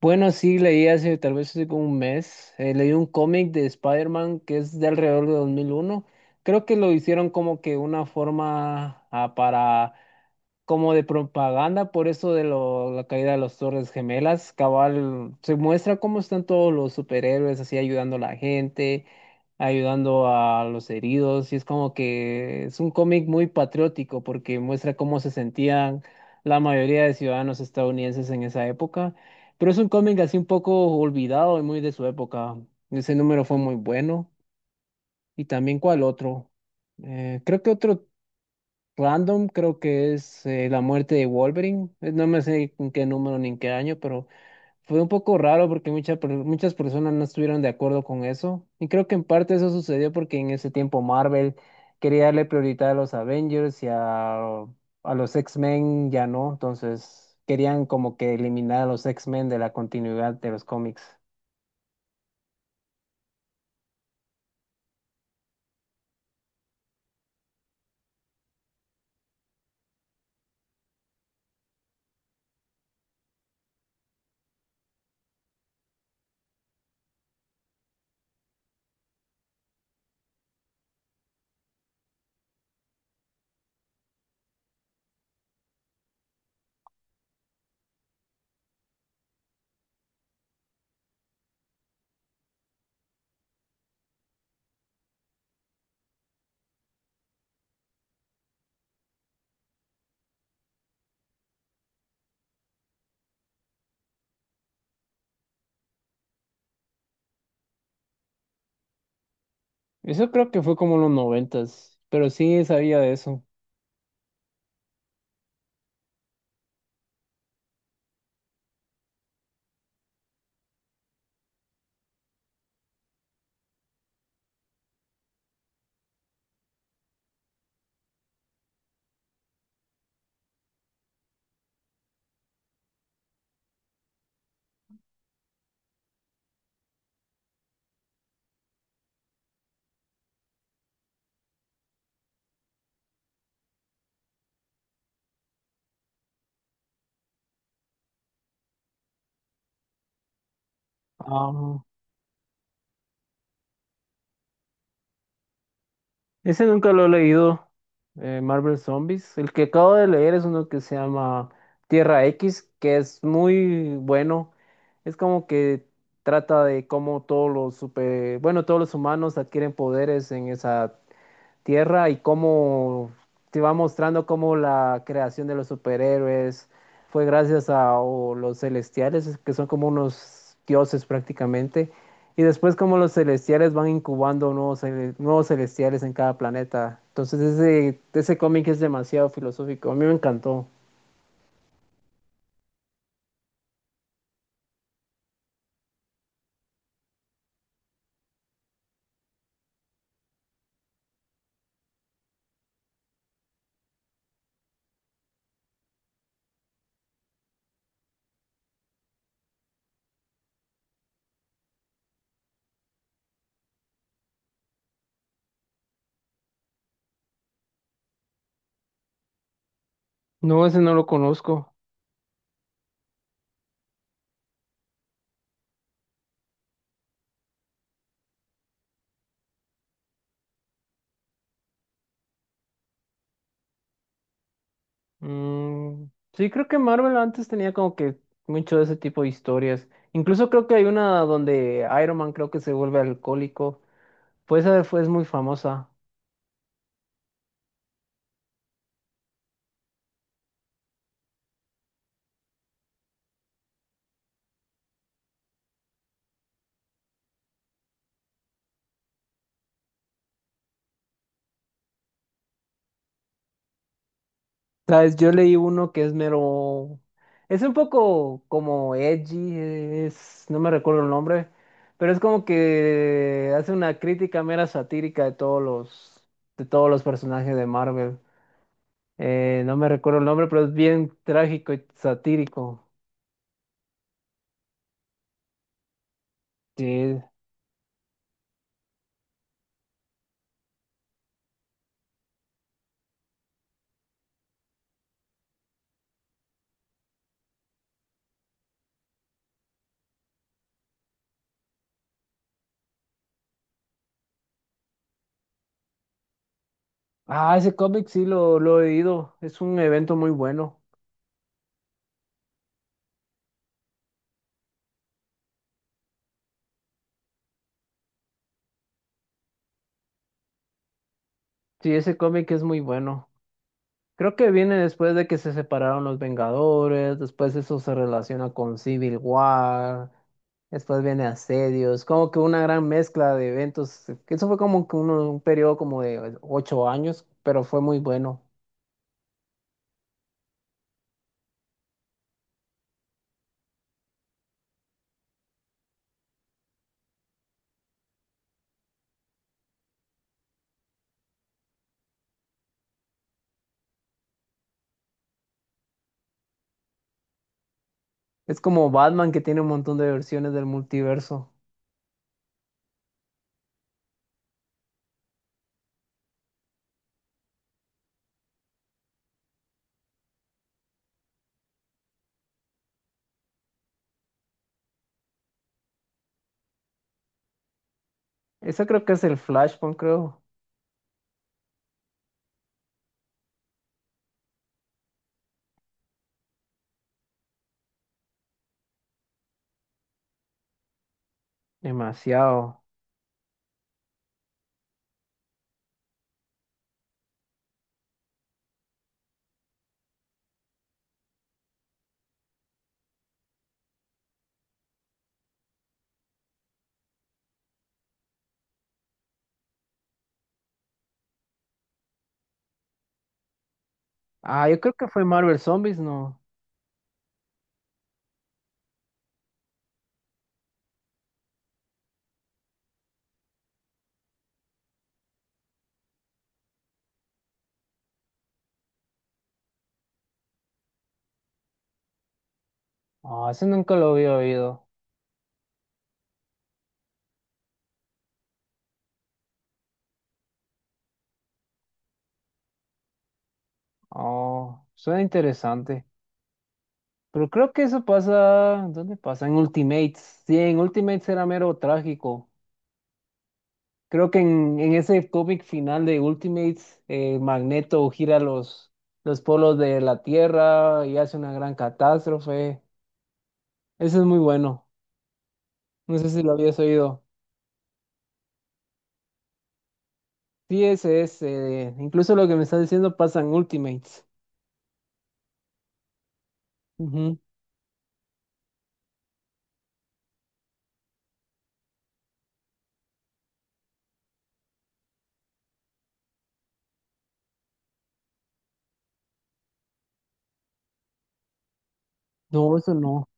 Bueno, sí, leí hace tal vez hace como un mes, leí un cómic de Spider-Man que es de alrededor de 2001. Creo que lo hicieron como que una forma para, como de propaganda, por eso de la caída de las Torres Gemelas. Cabal, se muestra cómo están todos los superhéroes así ayudando a la gente, ayudando a los heridos, y es como que es un cómic muy patriótico porque muestra cómo se sentían la mayoría de ciudadanos estadounidenses en esa época. Pero es un cómic así un poco olvidado y muy de su época. Ese número fue muy bueno. Y también, ¿cuál otro? Creo que otro random, creo que es La muerte de Wolverine. No me sé en qué número ni en qué año, pero fue un poco raro porque muchas personas no estuvieron de acuerdo con eso. Y creo que en parte eso sucedió porque en ese tiempo Marvel quería darle prioridad a los Avengers y a los X-Men ya no. Entonces querían como que eliminar a los X-Men de la continuidad de los cómics. Eso creo que fue como en los noventas, pero sí sabía de eso. Ah, ese nunca lo he leído, Marvel Zombies. El que acabo de leer es uno que se llama Tierra X, que es muy bueno. Es como que trata de cómo todos los super, bueno, todos los humanos adquieren poderes en esa tierra y cómo te va mostrando cómo la creación de los superhéroes fue gracias a o los celestiales, que son como unos dioses prácticamente, y después cómo los celestiales van incubando nuevos, nuevos celestiales en cada planeta. Entonces ese cómic es demasiado filosófico, a mí me encantó. No, ese no lo conozco. Mm, sí, creo que Marvel antes tenía como que mucho de ese tipo de historias. Incluso creo que hay una donde Iron Man creo que se vuelve alcohólico. Pues esa fue, es muy famosa. ¿Sabes? Yo leí uno que es mero. Es un poco como edgy, es no me recuerdo el nombre, pero es como que hace una crítica mera satírica de de todos los personajes de Marvel. No me recuerdo el nombre, pero es bien trágico y satírico. Sí. Ah, ese cómic sí lo he leído. Es un evento muy bueno. Sí, ese cómic es muy bueno. Creo que viene después de que se separaron los Vengadores, después eso se relaciona con Civil War, después viene Asedios, como que una gran mezcla de eventos. Eso fue como que un periodo como de 8 años, pero fue muy bueno. Es como Batman que tiene un montón de versiones del multiverso. Eso creo que es el Flashpoint, creo. Demasiado. Ah, yo creo que fue Marvel Zombies, ¿no? Ah, ese nunca lo había oído. Oh, suena interesante. Pero creo que eso pasa, ¿dónde pasa? En Ultimates. Sí, en Ultimates era mero trágico. Creo que en ese cómic final de Ultimates, Magneto gira los polos de la Tierra y hace una gran catástrofe. Eso es muy bueno. No sé si lo habías oído. Sí, ese es. Incluso lo que me estás diciendo pasa en Ultimates. Ujú. No, eso no.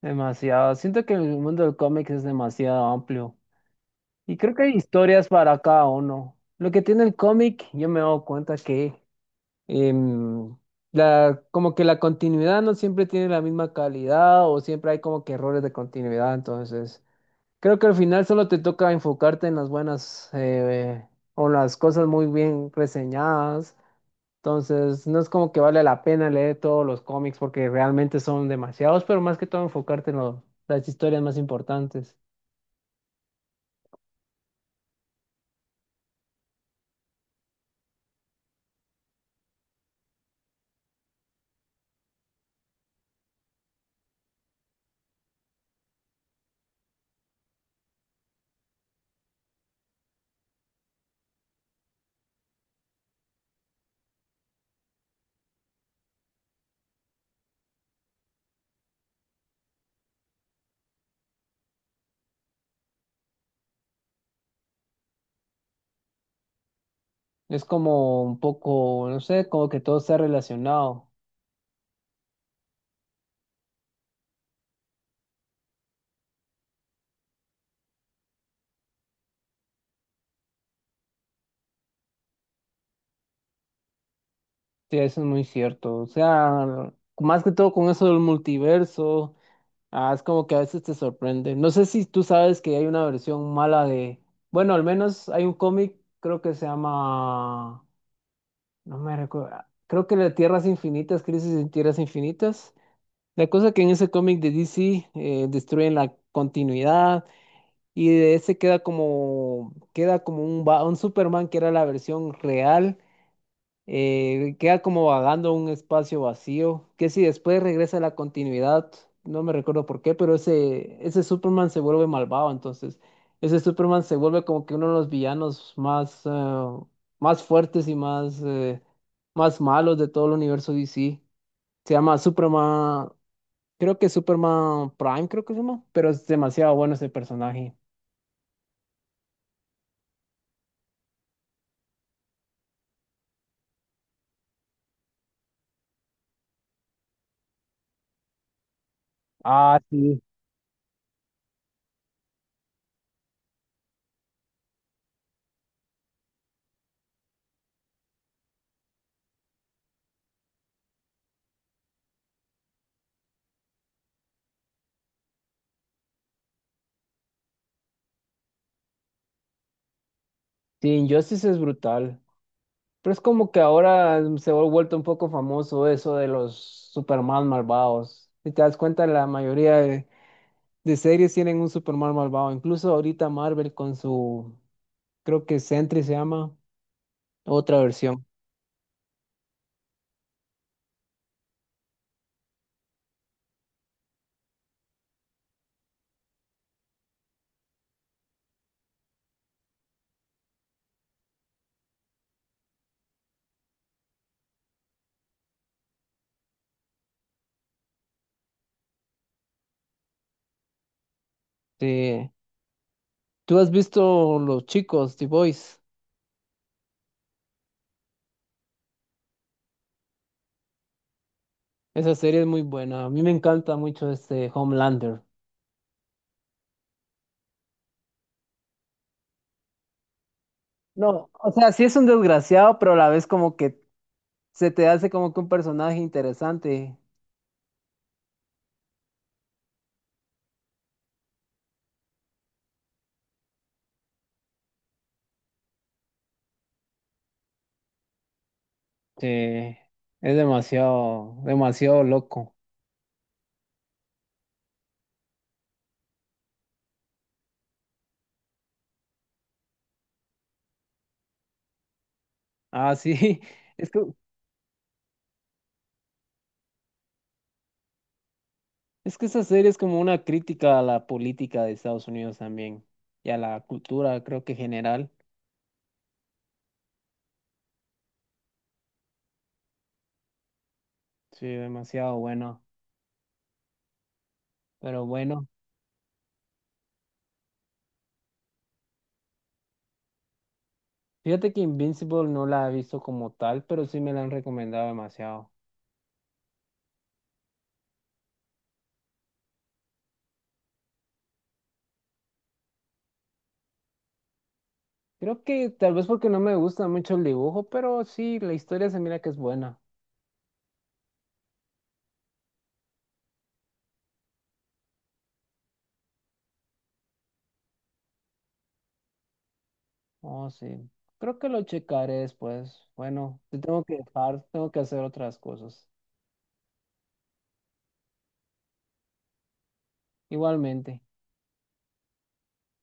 Demasiado. Siento que el mundo del cómic es demasiado amplio. Y creo que hay historias para cada uno. Lo que tiene el cómic, yo me he dado cuenta que em, la, como que la continuidad no siempre tiene la misma calidad o siempre hay como que errores de continuidad. Entonces, creo que al final solo te toca enfocarte en las buenas o las cosas muy bien reseñadas. Entonces, no es como que vale la pena leer todos los cómics porque realmente son demasiados, pero más que todo enfocarte en las historias más importantes. Es como un poco, no sé, como que todo está relacionado. Sí, eso es muy cierto. O sea, más que todo con eso del multiverso, ah, es como que a veces te sorprende. No sé si tú sabes que hay una versión mala de, bueno, al menos hay un cómic, creo que se llama, no me recuerdo, ah, creo que de Tierras Infinitas, Crisis en Tierras Infinitas. La cosa que en ese cómic de DC destruyen la continuidad. Y de ese queda como un, un Superman que era la versión real, queda como vagando un espacio vacío, que si después regresa a la continuidad, no me recuerdo por qué, pero ese Superman se vuelve malvado, entonces ese Superman se vuelve como que uno de los villanos más, más fuertes y más, más malos de todo el universo DC. Se llama Superman, creo que Superman Prime, creo que se llama, pero es demasiado bueno ese personaje. Ah, sí. Sí, Injustice es brutal. Pero es como que ahora se ha vuelto un poco famoso eso de los Superman malvados. Si te das cuenta, la mayoría de series tienen un Superman malvado. Incluso ahorita Marvel con su, creo que Sentry se llama, otra versión. Sí. ¿Tú has visto Los Chicos, The Boys? Esa serie es muy buena. A mí me encanta mucho este Homelander. No, o sea, sí es un desgraciado, pero a la vez como que se te hace como que un personaje interesante. Sí, es demasiado, demasiado loco. Ah, sí, es que, es que esa serie es como una crítica a la política de Estados Unidos también y a la cultura, creo que general. Sí, demasiado bueno. Pero bueno, fíjate que Invincible no la he visto como tal, pero sí me la han recomendado demasiado. Creo que tal vez porque no me gusta mucho el dibujo, pero sí, la historia se mira que es buena. Oh, sí. Creo que lo checaré después. Bueno, te tengo que dejar, tengo que hacer otras cosas. Igualmente.